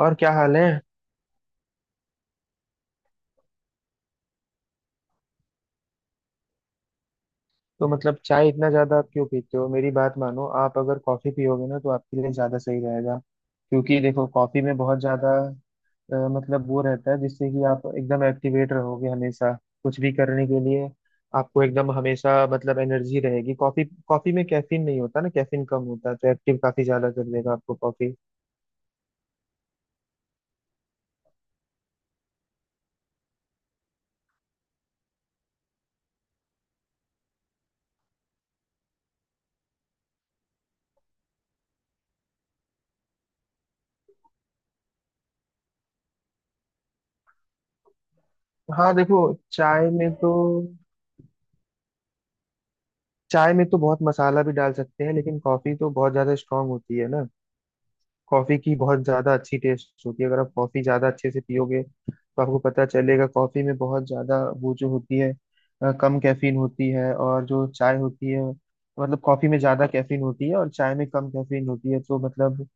और क्या हाल है? तो मतलब चाय इतना ज्यादा आप क्यों पीते हो? मेरी बात मानो, आप अगर कॉफी पियोगे ना तो आपके लिए ज्यादा सही रहेगा। क्योंकि देखो कॉफी में बहुत ज्यादा मतलब वो रहता है जिससे कि आप एकदम एक्टिवेट रहोगे हमेशा कुछ भी करने के लिए। आपको एकदम हमेशा मतलब एनर्जी रहेगी। कॉफी कॉफी में कैफीन नहीं होता ना, कैफीन कम होता है तो एक्टिव काफी ज्यादा कर देगा आपको कॉफी। हाँ देखो, चाय में तो चाय में तो बहुत मसाला भी डाल सकते हैं लेकिन कॉफी तो बहुत ज्यादा स्ट्रांग होती है ना। कॉफी की बहुत ज्यादा अच्छी टेस्ट होती है। अगर आप कॉफी ज्यादा अच्छे से पियोगे तो आपको पता चलेगा कॉफी में बहुत ज्यादा वो जो होती है, कम कैफीन होती है। और जो चाय होती है, मतलब कॉफी में ज्यादा कैफीन होती है और चाय में कम कैफीन होती है, तो मतलब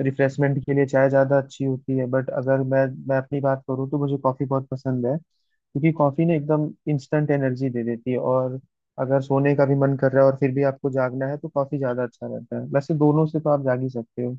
रिफ्रेशमेंट के लिए चाय ज्यादा अच्छी होती है। बट अगर मैं अपनी बात करूँ तो मुझे कॉफी बहुत पसंद है, क्योंकि कॉफी ना एकदम इंस्टेंट एनर्जी दे देती है। और अगर सोने का भी मन कर रहा है और फिर भी आपको जागना है तो कॉफी ज्यादा अच्छा रहता है। वैसे दोनों से तो आप जाग ही सकते हो।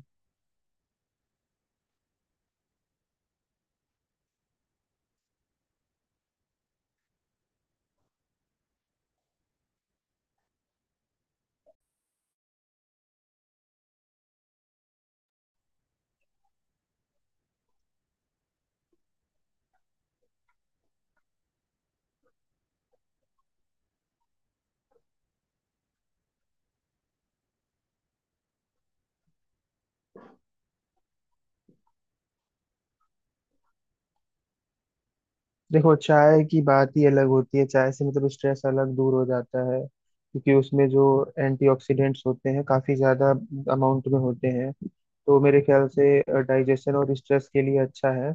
देखो चाय की बात ही अलग होती है। चाय से मतलब स्ट्रेस अलग दूर हो जाता है, क्योंकि उसमें जो एंटीऑक्सीडेंट्स होते हैं काफी ज्यादा अमाउंट में होते हैं। तो मेरे ख्याल से डाइजेशन और स्ट्रेस के लिए अच्छा है।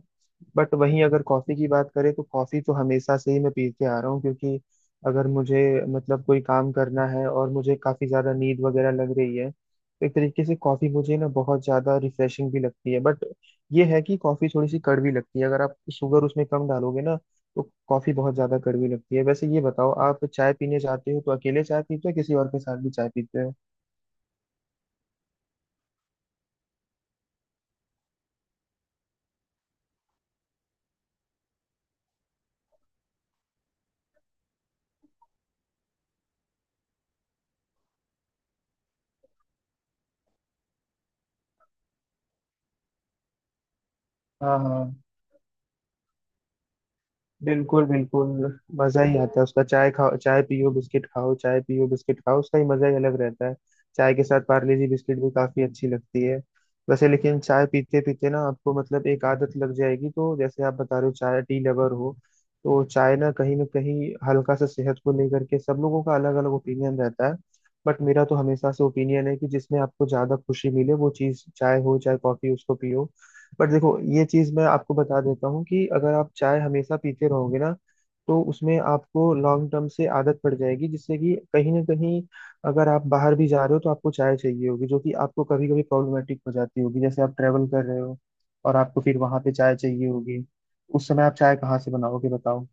बट वहीं अगर कॉफी की बात करें तो कॉफी तो हमेशा से ही मैं पीते आ रहा हूँ, क्योंकि अगर मुझे मतलब कोई काम करना है और मुझे काफी ज्यादा नींद वगैरह लग रही है तो एक तरीके से कॉफी मुझे ना बहुत ज्यादा रिफ्रेशिंग भी लगती है। बट ये है कि कॉफी थोड़ी सी कड़वी लगती है, अगर आप शुगर उसमें कम डालोगे ना तो कॉफी बहुत ज्यादा कड़वी लगती है। वैसे ये बताओ, आप चाय पीने जाते हो तो अकेले चाय पीते हो या किसी और के साथ भी चाय पीते हो? हाँ हाँ, बिल्कुल बिल्कुल। मजा ही आता है उसका। चाय खाओ चाय पियो बिस्किट खाओ, चाय पियो बिस्किट खाओ, उसका ही मजा ही अलग रहता है। चाय के साथ पार्ले जी बिस्किट भी काफी अच्छी लगती है। वैसे लेकिन चाय पीते पीते ना आपको मतलब एक आदत लग जाएगी। तो जैसे आप बता रहे हो चाय टी लवर हो, तो चाय ना कहीं हल्का सा, सेहत को लेकर के सब लोगों का अलग अलग ओपिनियन रहता है। बट मेरा तो हमेशा से ओपिनियन है कि जिसमें आपको ज्यादा खुशी मिले वो चीज, चाय हो चाहे कॉफी, उसको पियो। बट देखो ये चीज मैं आपको बता देता हूँ, कि अगर आप चाय हमेशा पीते रहोगे ना तो उसमें आपको लॉन्ग टर्म से आदत पड़ जाएगी। जिससे कि कहीं ना कहीं अगर आप बाहर भी जा रहे हो तो आपको चाय चाहिए होगी, जो कि आपको कभी कभी प्रॉब्लमेटिक हो जाती होगी। जैसे आप ट्रेवल कर रहे हो और आपको फिर वहां पे चाय चाहिए होगी। उस समय आप चाय कहाँ से बनाओगे बताओ?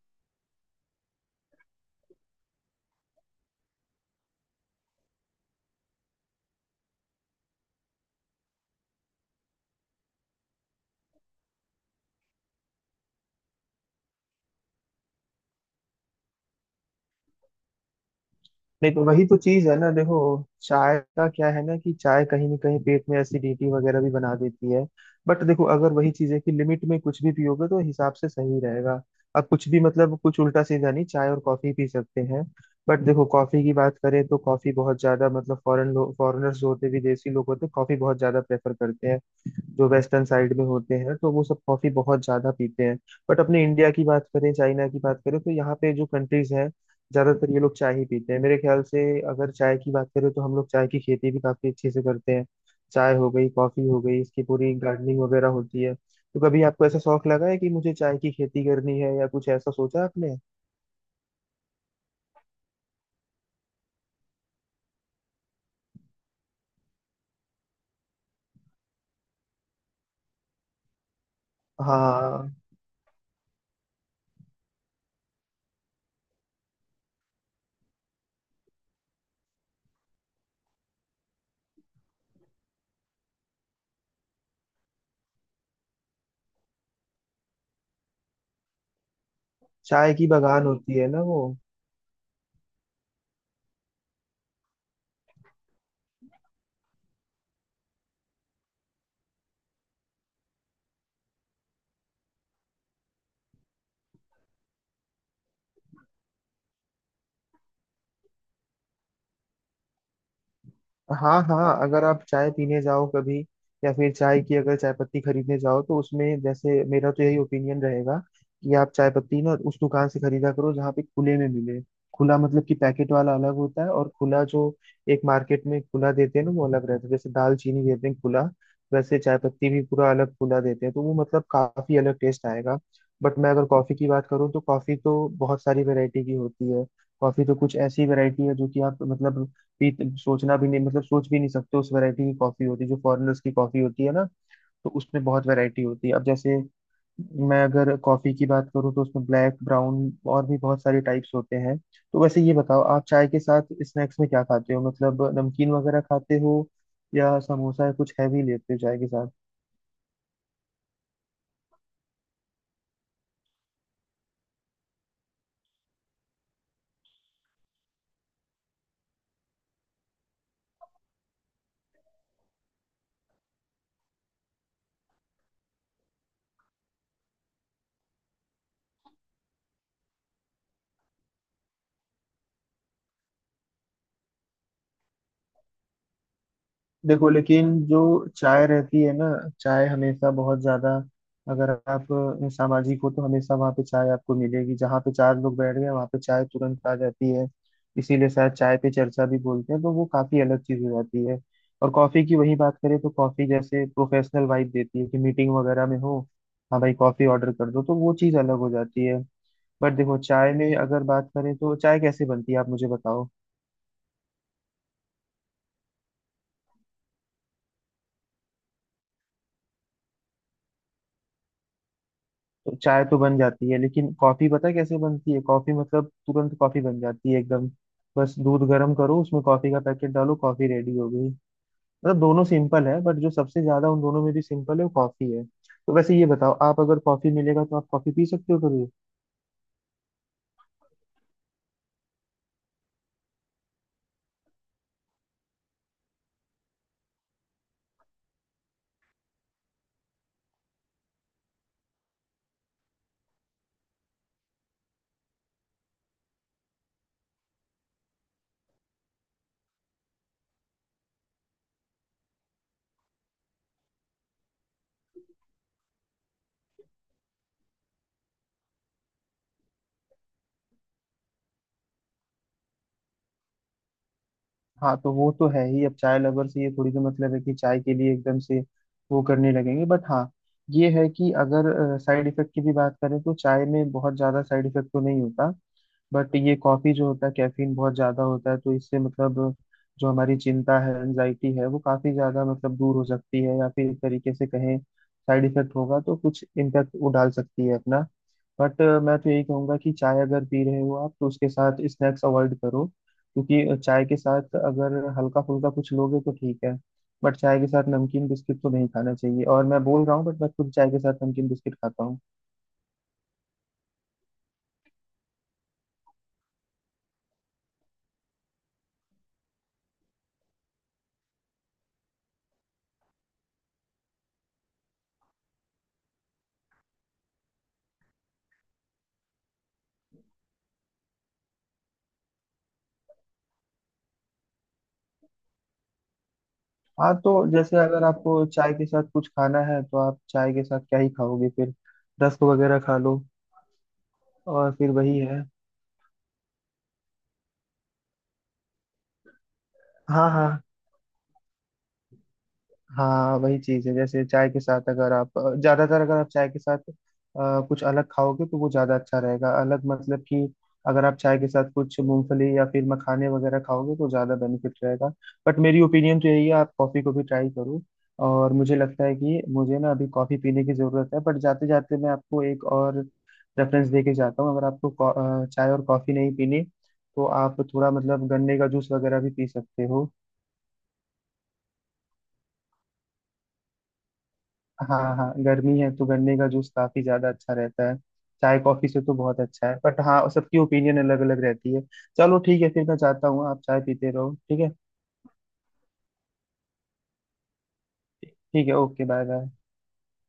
नहीं तो वही तो चीज है ना देखो। चाय का क्या है ना, कि चाय कहीं ना कहीं पेट में एसिडिटी वगैरह भी बना देती है। बट देखो अगर वही चीज है कि लिमिट में कुछ भी पियोगे तो हिसाब से सही रहेगा। अब कुछ भी मतलब कुछ उल्टा सीधा नहीं, चाय और कॉफी पी सकते हैं। बट देखो कॉफी की बात करें तो कॉफी बहुत ज्यादा, मतलब फॉरेन लोग, फॉरेनर्स जो होते हैं, विदेशी लोग होते हैं कॉफी बहुत ज्यादा प्रेफर करते हैं, जो वेस्टर्न साइड में होते हैं तो वो सब कॉफी बहुत ज्यादा पीते हैं। बट अपने इंडिया की बात करें, चाइना की बात करें तो यहाँ पे जो कंट्रीज हैं, ज्यादातर ये लोग चाय ही पीते हैं मेरे ख्याल से। अगर चाय की बात करें तो हम लोग चाय की खेती भी काफी अच्छे से करते हैं। चाय हो गई, कॉफी हो गई, इसकी पूरी गार्डनिंग वगैरह होती है। तो कभी आपको ऐसा शौक लगा है कि मुझे चाय की खेती करनी है, या कुछ ऐसा सोचा आपने? हाँ, चाय की बागान होती है ना वो। हाँ हाँ, अगर आप चाय पीने जाओ कभी, या फिर चाय की, अगर चाय पत्ती खरीदने जाओ, तो उसमें जैसे मेरा तो यही ओपिनियन रहेगा कि आप चाय पत्ती ना उस दुकान से खरीदा करो जहाँ पे खुले में मिले। खुला मतलब कि पैकेट वाला अलग होता है और खुला जो एक मार्केट में खुला देते हैं ना वो अलग रहता है। जैसे दाल चीनी देते हैं खुला, वैसे चाय पत्ती भी पूरा अलग खुला देते हैं, तो वो मतलब काफी अलग टेस्ट आएगा। बट मैं अगर कॉफी की बात करूँ तो कॉफी तो बहुत सारी वैरायटी की होती है। कॉफी तो कुछ ऐसी वैरायटी है जो कि आप मतलब पी सोचना भी नहीं, मतलब सोच भी नहीं सकते उस वैरायटी की कॉफी होती है, जो फॉरेनर्स की कॉफी होती है ना। तो उसमें बहुत वैरायटी होती है। अब जैसे मैं अगर कॉफी की बात करूँ, तो उसमें ब्लैक ब्राउन और भी बहुत सारे टाइप्स होते हैं। तो वैसे ये बताओ, आप चाय के साथ स्नैक्स में क्या खाते हो? मतलब नमकीन वगैरह खाते हो, या समोसा, या कुछ हैवी लेते हो चाय के साथ? देखो लेकिन जो चाय रहती है ना, चाय हमेशा बहुत ज्यादा, अगर आप सामाजिक हो तो हमेशा वहाँ पे चाय आपको मिलेगी। जहाँ पे चार लोग बैठ गए वहाँ पे चाय तुरंत आ जाती है। इसीलिए शायद चाय पे चर्चा भी बोलते हैं, तो वो काफी अलग चीज हो जाती है। और कॉफी की वही बात करें तो कॉफी जैसे प्रोफेशनल वाइब देती है, कि मीटिंग वगैरह में हो, हाँ भाई कॉफी ऑर्डर कर दो, तो वो चीज अलग हो जाती है। बट देखो चाय में अगर बात करें तो चाय कैसे बनती है आप मुझे बताओ? तो चाय तो बन जाती है, लेकिन कॉफी पता है कैसे बनती है? कॉफी मतलब तुरंत कॉफी बन जाती है एकदम। बस दूध गर्म करो, उसमें कॉफी का पैकेट डालो, कॉफी रेडी हो गई। मतलब दोनों सिंपल है, बट जो सबसे ज्यादा उन दोनों में भी सिंपल है वो कॉफी है। तो वैसे ये बताओ, आप अगर कॉफी मिलेगा तो आप कॉफी पी सकते हो कभी? हाँ तो वो तो है ही। अब चाय लवर से ये थोड़ी तो मतलब है कि चाय के लिए एकदम से वो करने लगेंगे। बट हाँ, ये है कि अगर साइड इफेक्ट की भी बात करें तो चाय में बहुत ज्यादा साइड इफेक्ट तो नहीं होता। बट ये कॉफी जो होता है, कैफीन बहुत ज्यादा होता है, तो इससे मतलब जो हमारी चिंता है, एंजाइटी है, वो काफी ज्यादा मतलब दूर हो सकती है। या फिर एक तरीके से कहें, साइड इफेक्ट होगा तो कुछ इम्पैक्ट वो डाल सकती है अपना। बट मैं तो यही कहूंगा कि चाय अगर पी रहे हो आप तो उसके साथ स्नैक्स अवॉइड करो, क्योंकि चाय के साथ अगर हल्का फुल्का कुछ लोगे तो ठीक है। बट चाय के साथ नमकीन बिस्किट तो नहीं खाना चाहिए, और मैं बोल रहा हूँ बट मैं खुद चाय के साथ नमकीन बिस्किट खाता हूँ। हाँ तो जैसे अगर आपको चाय के साथ कुछ खाना है तो आप चाय के साथ क्या ही खाओगे फिर? रस्क वगैरह खा लो। और फिर वही है। हाँ हाँ हाँ। हाँ वही चीज है, जैसे चाय के साथ अगर आप ज्यादातर अगर आप चाय के साथ कुछ अलग खाओगे तो वो ज्यादा अच्छा रहेगा। अलग मतलब कि अगर आप चाय के साथ कुछ मूंगफली या फिर मखाने वगैरह खाओगे तो ज्यादा बेनिफिट रहेगा। बट मेरी ओपिनियन तो यही है, आप कॉफी को भी ट्राई करो। और मुझे लगता है कि मुझे ना अभी कॉफी पीने की जरूरत है। बट जाते जाते मैं आपको एक और रेफरेंस दे के जाता हूँ, अगर आपको चाय और कॉफी नहीं पीनी तो आप थोड़ा मतलब गन्ने का जूस वगैरह भी पी सकते हो। हाँ हाँ, गर्मी है तो गन्ने का जूस काफी ज्यादा अच्छा रहता है। चाय कॉफी से तो बहुत अच्छा है, बट हाँ, सबकी ओपिनियन अलग अलग रहती है। चलो ठीक है, फिर मैं जाता हूँ। आप चाय पीते रहो, ठीक है। ठीक है, ओके। Bye bye.